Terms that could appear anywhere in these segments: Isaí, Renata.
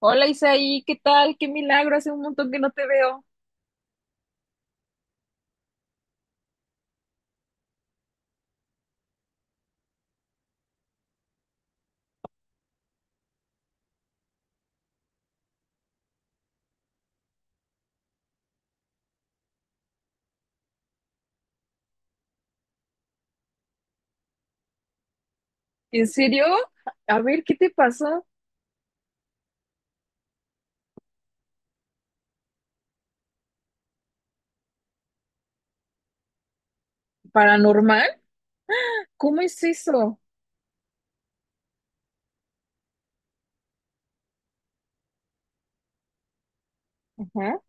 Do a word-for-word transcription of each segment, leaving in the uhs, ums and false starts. Hola Isaí, ¿qué tal? Qué milagro, hace un montón que no te veo. ¿En serio? A ver, ¿qué te pasó? ¿Paranormal? ¿Cómo es eso? Ajá,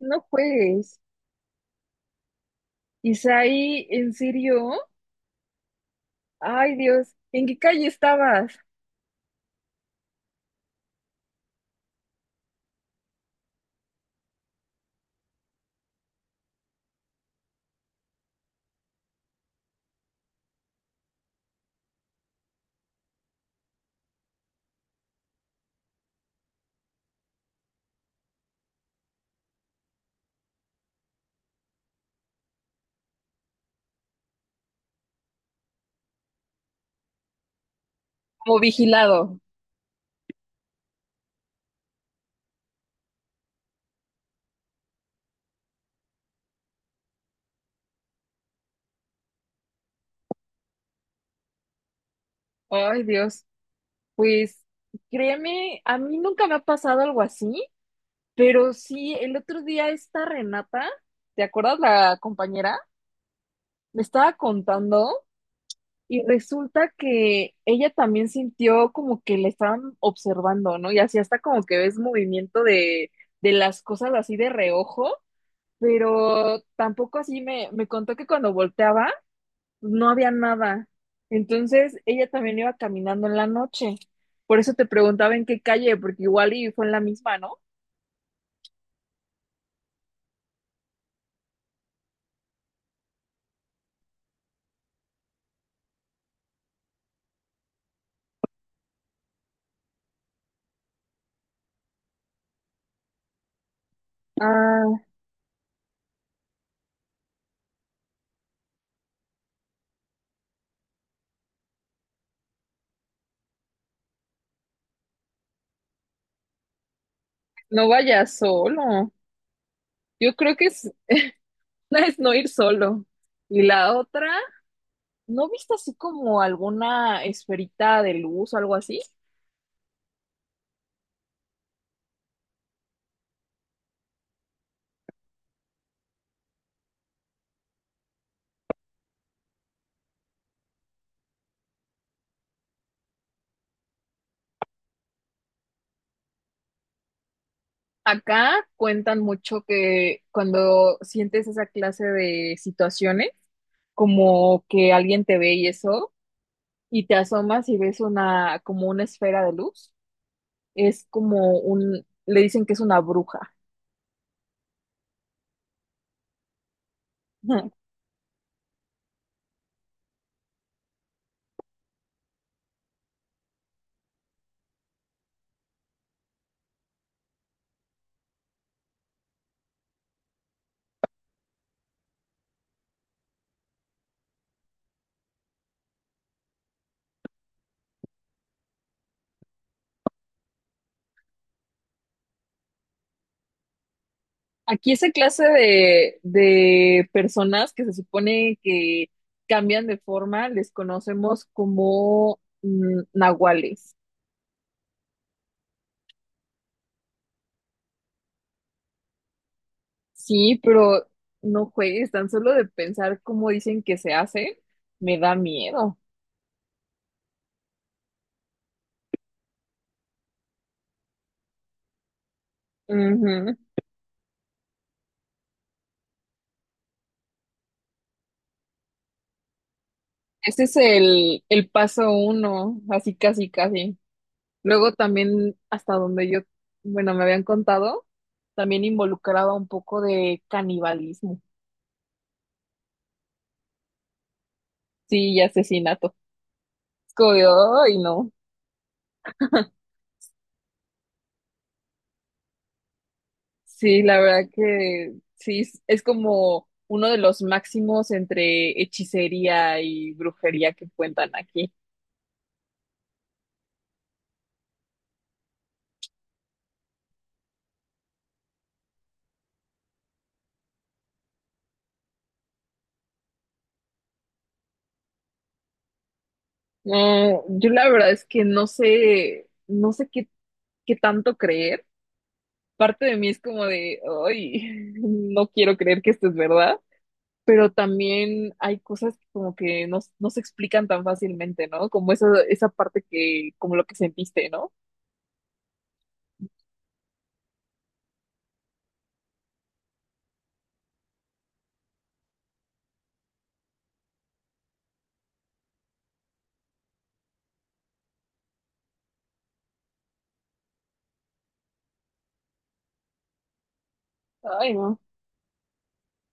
no juegues. Isaí, ¿en serio? Ay, Dios, ¿en qué calle estabas? Como vigilado. Ay, Dios, pues créeme, a mí nunca me ha pasado algo así, pero sí, el otro día esta Renata, ¿te acuerdas la compañera? Me estaba contando. Y resulta que ella también sintió como que le estaban observando, ¿no? Y así hasta como que ves movimiento de, de las cosas así de reojo, pero tampoco así me, me contó que cuando volteaba no había nada. Entonces ella también iba caminando en la noche. Por eso te preguntaba en qué calle, porque igual y fue en la misma, ¿no? Ah, no vayas solo. Yo creo que es, una es no ir solo. Y la otra. ¿No viste así como alguna esferita de luz o algo así? Acá cuentan mucho que cuando sientes esa clase de situaciones, como que alguien te ve y eso, y te asomas y ves una, como una esfera de luz, es como un, le dicen que es una bruja. Aquí esa clase de, de personas que se supone que cambian de forma, les conocemos como mm, nahuales. Sí, pero no juegues, tan solo de pensar cómo dicen que se hace, me da miedo. Ujú. Ese es el, el paso uno, así casi casi. Luego también, hasta donde yo, bueno, me habían contado, también involucraba un poco de canibalismo, sí, y asesinato. Es como de, "Ay, no. Sí, la verdad que sí, es es como uno de los máximos entre hechicería y brujería que cuentan aquí. No, yo la verdad es que no sé, no sé qué, qué tanto creer. Parte de mí es como de, ay, no quiero creer que esto es verdad, pero también hay cosas que como que no, no se explican tan fácilmente, ¿no? Como esa, esa parte que, como lo que sentiste, ¿no? Ay, no.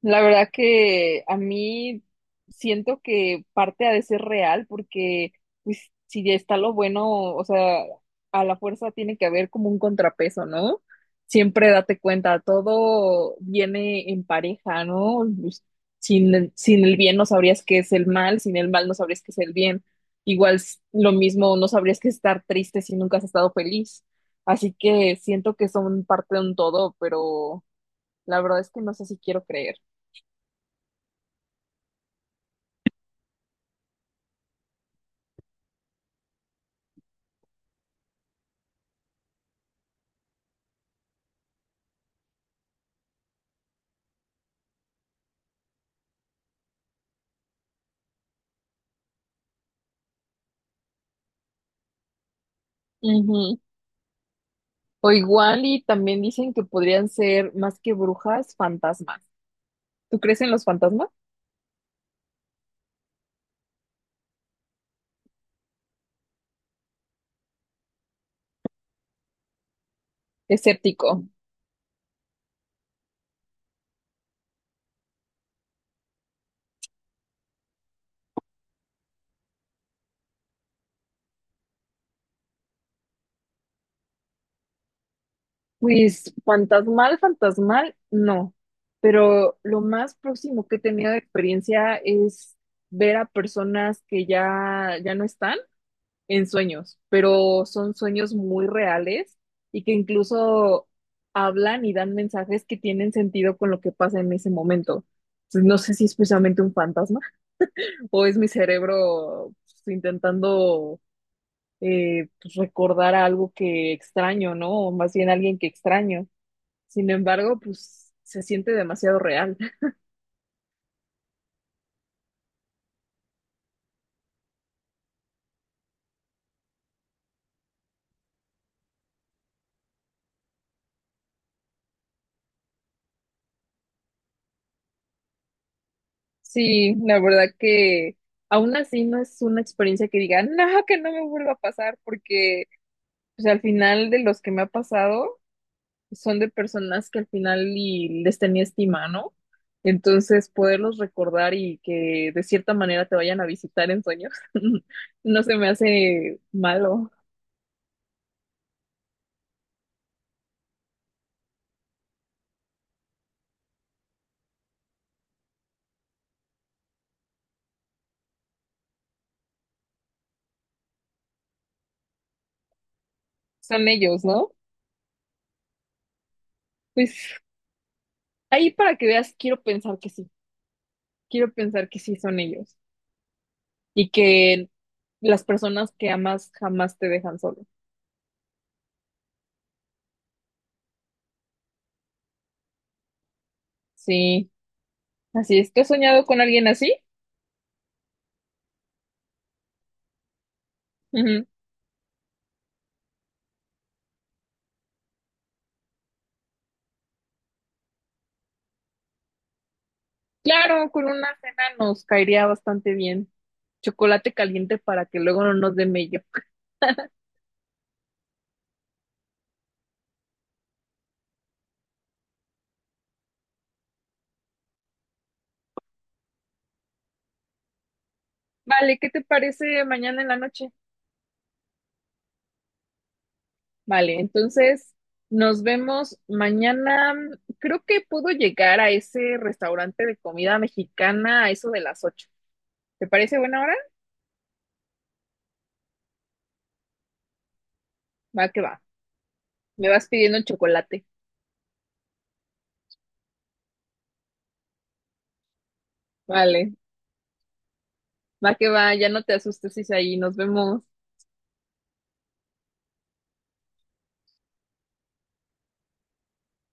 La verdad que a mí siento que parte ha de ser real porque pues si ya está lo bueno, o sea, a la fuerza tiene que haber como un contrapeso, ¿no? Siempre date cuenta, todo viene en pareja, ¿no? Pues, sin, el- sin el bien no sabrías qué es el mal, sin el mal no sabrías qué es el bien. Igual s- lo mismo, no sabrías qué es estar triste si nunca has estado feliz. Así que siento que son parte de un todo, pero la verdad es que no sé si quiero creer. Ujú. O igual y también dicen que podrían ser más que brujas, fantasmas. ¿Tú crees en los fantasmas? Escéptico. Pues fantasmal, fantasmal, no. Pero lo más próximo que he tenido de experiencia es ver a personas que ya, ya no están en sueños, pero son sueños muy reales y que incluso hablan y dan mensajes que tienen sentido con lo que pasa en ese momento. Entonces, no sé si es precisamente un fantasma, o es mi cerebro pues, intentando eh, pues, recordar a algo que extraño, ¿no? O más bien alguien que extraño. Sin embargo, pues se siente demasiado real. Sí, la verdad que aún así no es una experiencia que diga, no, que no me vuelva a pasar, porque pues, al final de los que me ha pasado, son de personas que al final y les tenía estima, ¿no? Entonces, poderlos recordar y que de cierta manera te vayan a visitar en sueños, no se me hace malo. Son ellos, ¿no? Pues ahí para que veas, quiero pensar que sí, quiero pensar que sí son ellos y que las personas que amas jamás te dejan solo. Sí, así es. ¿Tú has soñado con alguien así? Ujú. Claro, con una cena nos caería bastante bien chocolate caliente para que luego no nos dé mello. Vale, ¿qué te parece mañana en la noche? Vale, entonces nos vemos mañana. Creo que puedo llegar a ese restaurante de comida mexicana a eso de las ocho. ¿Te parece buena hora? Va que va. Me vas pidiendo el chocolate. Vale, va que va, ya no te asustes, ahí. Nos vemos.